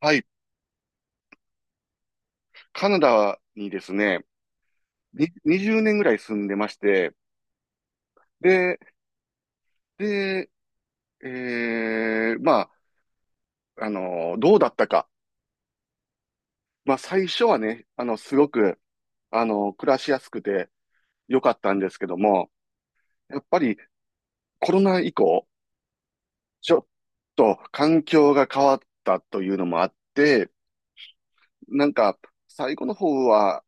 はい。カナダにですね、に20年ぐらい住んでまして、で、で、まあ、どうだったか。まあ、最初はね、すごく、暮らしやすくて良かったんですけども、やっぱりコロナ以降、ちょっと環境が変わったというのもあって、なんか、最後の方は、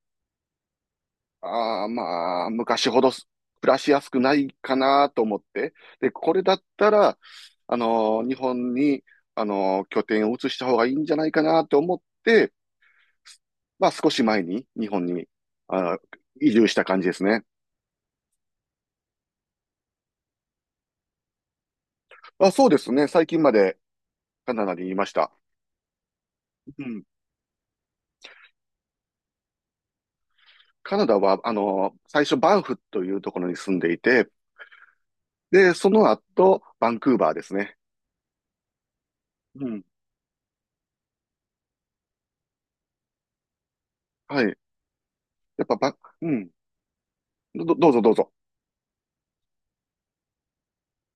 ああ、まあ、昔ほど暮らしやすくないかなと思って。で、これだったら、日本に、拠点を移した方がいいんじゃないかなと思って、まあ、少し前に日本に、あー、移住した感じですね。あ、そうですね。最近までカナダにいました。うん。カナダは、最初バンフというところに住んでいて、で、その後、バンクーバーですね。うん。はい。やっぱバン、うん。どうぞどうぞ。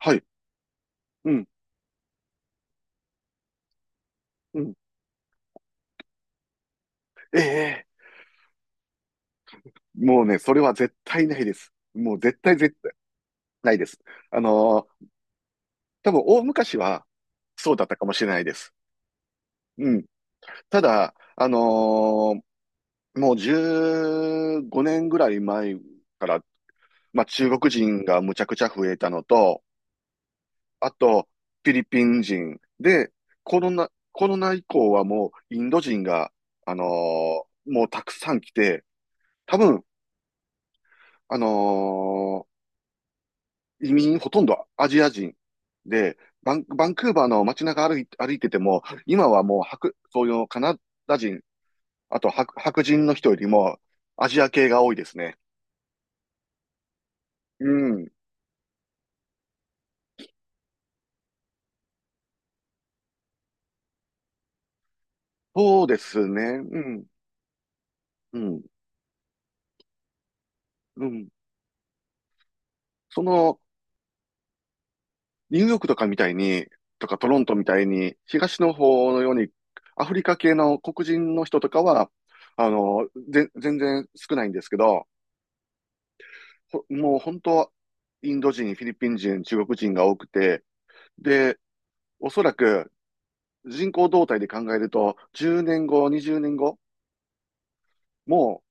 はい。うん。ええ、もうね、それは絶対ないです。もう絶対絶対ないです。あのー多分、大昔はそうだったかもしれないです。うん。ただ、ーもう15年ぐらい前から、まあ中国人がむちゃくちゃ増えたのと、あと、フィリピン人で、コロナ以降はもうインド人が、もうたくさん来て、多分、あのー移民ほとんどアジア人で、バンクーバーの街中歩いてても、今はもう、そういうカナダ人、あと白人の人よりもアジア系が多いですね。うん。そうですね。うん。うん。うん。その、ニューヨークとかみたいに、とかトロントみたいに、東の方のように、アフリカ系の黒人の人とかは、全然少ないんですけど、もう本当、インド人、フィリピン人、中国人が多くて、で、おそらく人口動態で考えると、10年後、20年後、も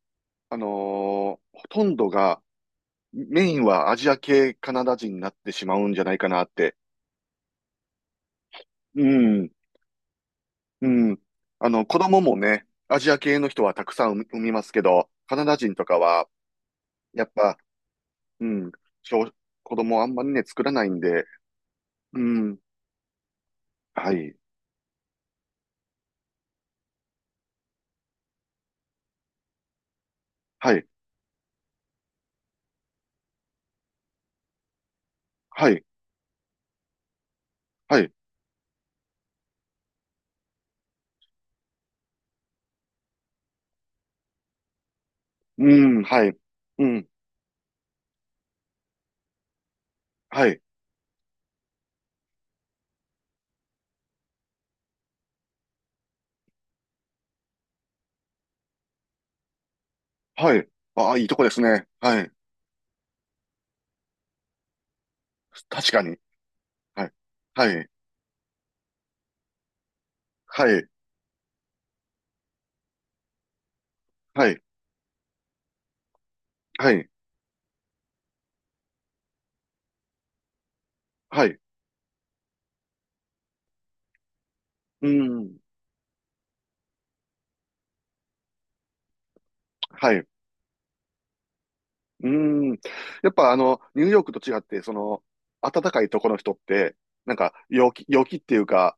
う、ほとんどが、メインはアジア系カナダ人になってしまうんじゃないかなって。うん、うん。子供もね、アジア系の人はたくさん産みますけど、カナダ人とかは、やっぱ、うん、小子供あんまりね、作らないんで、うん、はい、はい、はい、はい、うん、はい、うん、はい、はい。ああ、いいとこですね。はい。確かに。はい。はい。はい。はい。はい。はい。うん。はい。うん。やっぱニューヨークと違って、その、暖かいとこの人って、なんか、陽気っていうか、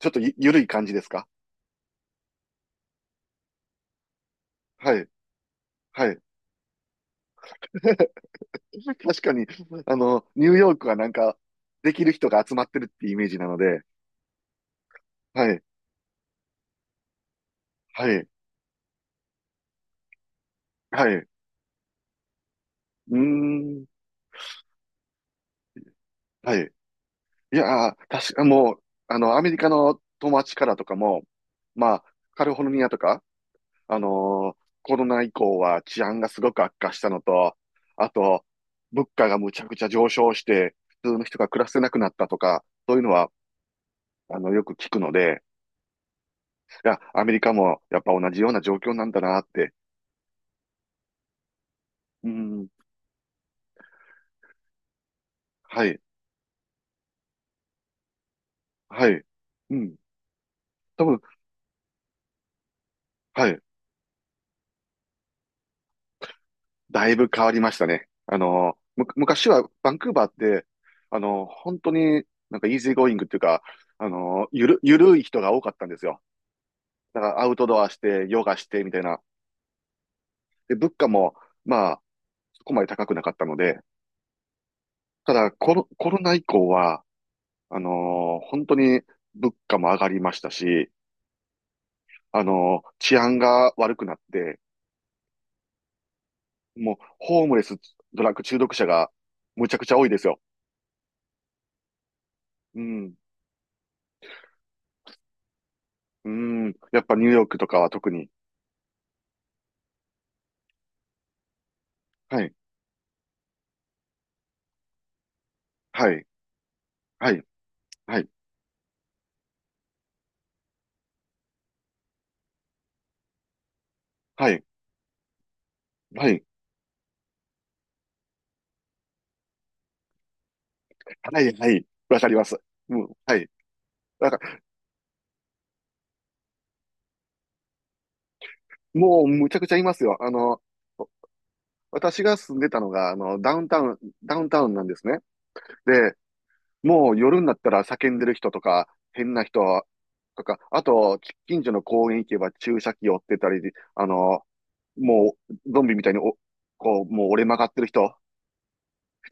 ちょっとゆ、ゆるい感じですか？はい。はい。確かに、ニューヨークはなんか、できる人が集まってるっていうイメージなので、はい。はい。はい。うーん。はい。いやー、確か、もう、アメリカの友達からとかも、まあ、カリフォルニアとか、コロナ以降は治安がすごく悪化したのと、あと、物価がむちゃくちゃ上昇して、普通の人が暮らせなくなったとか、そういうのは、よく聞くので、いや、アメリカもやっぱ同じような状況なんだなって、うん、はい、はい、うん、多分、はい。だいぶ変わりましたね。昔はバンクーバーって、本当になんかイージーゴーイングっていうか、ゆるい人が多かったんですよ。だからアウトドアして、ヨガしてみたいな。で、物価も、まあ、そこまで高くなかったので、ただコロナ以降は、本当に物価も上がりましたし、治安が悪くなって、もう、ホームレス、ドラッグ中毒者がむちゃくちゃ多いですよ。うん。うん。やっぱニューヨークとかは特に。はい、はい、はい、はい、はい、はい、はい、はい、わかります。うん、はい。だから、もうむちゃくちゃいますよ。私が住んでたのが、ダウンタウンなんですね。で、もう夜になったら叫んでる人とか、変な人とか、あと、近所の公園行けば注射器を追ってたり、あの、もう、ゾンビみたいにこう、もう折れ曲がってる人、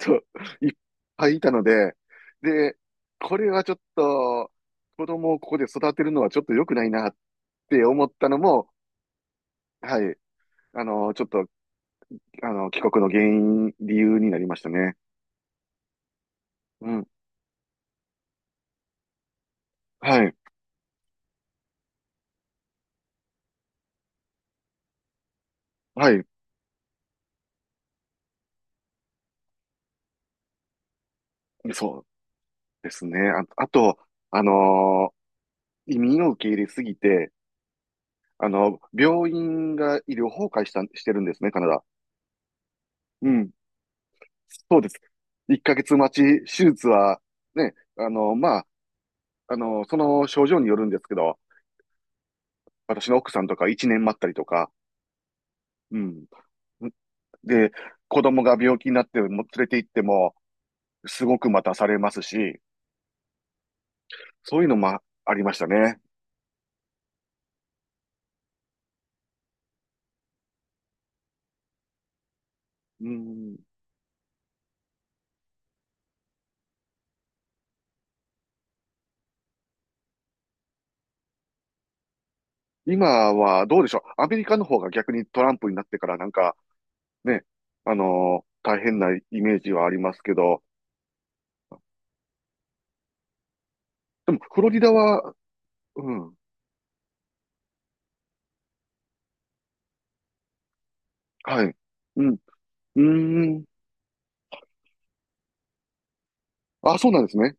そう、いっぱいいたので、で、これはちょっと、子供をここで育てるのはちょっと良くないなって思ったのも、はい、ちょっと、帰国の原因、理由になりましたね。うん。はい。はい。そうですね。あ、あと、あのー移民を受け入れすぎて、病院が医療崩壊した、してるんですね、カナダ。うん。そうです。1ヶ月待ち、手術は、ね、あの、まあの、その症状によるんですけど、私の奥さんとか一年待ったりとか、うん。で、子供が病気になっても連れて行っても、すごく待たされますし、そういうのもありましたね。うん。今はどうでしょう。アメリカの方が逆にトランプになってからなんかね、大変なイメージはありますけど、でもフロリダは、うん、はい。うん、うーん。あ、そうなんですね。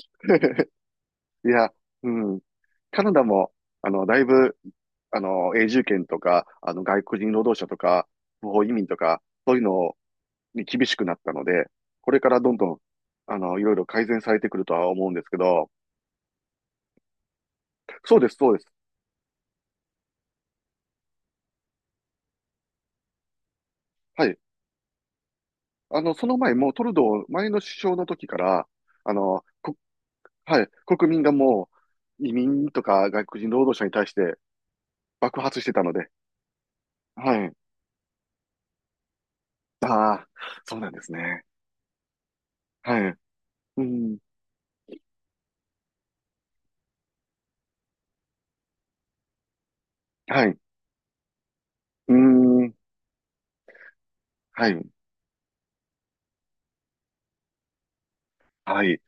いや、うん。カナダも、だいぶ永住権とか、外国人労働者とか、不法移民とか、そういうのに厳しくなったので、これからどんどん、いろいろ改善されてくるとは思うんですけど、そうです、そうです。はい。その前、もうトルドー、前の首相の時から、あの、こ、はい、国民がもう、移民とか外国人労働者に対して爆発してたので、はい。ああ、そうなんですね。はい。うん、はい。うーん、はい。はい。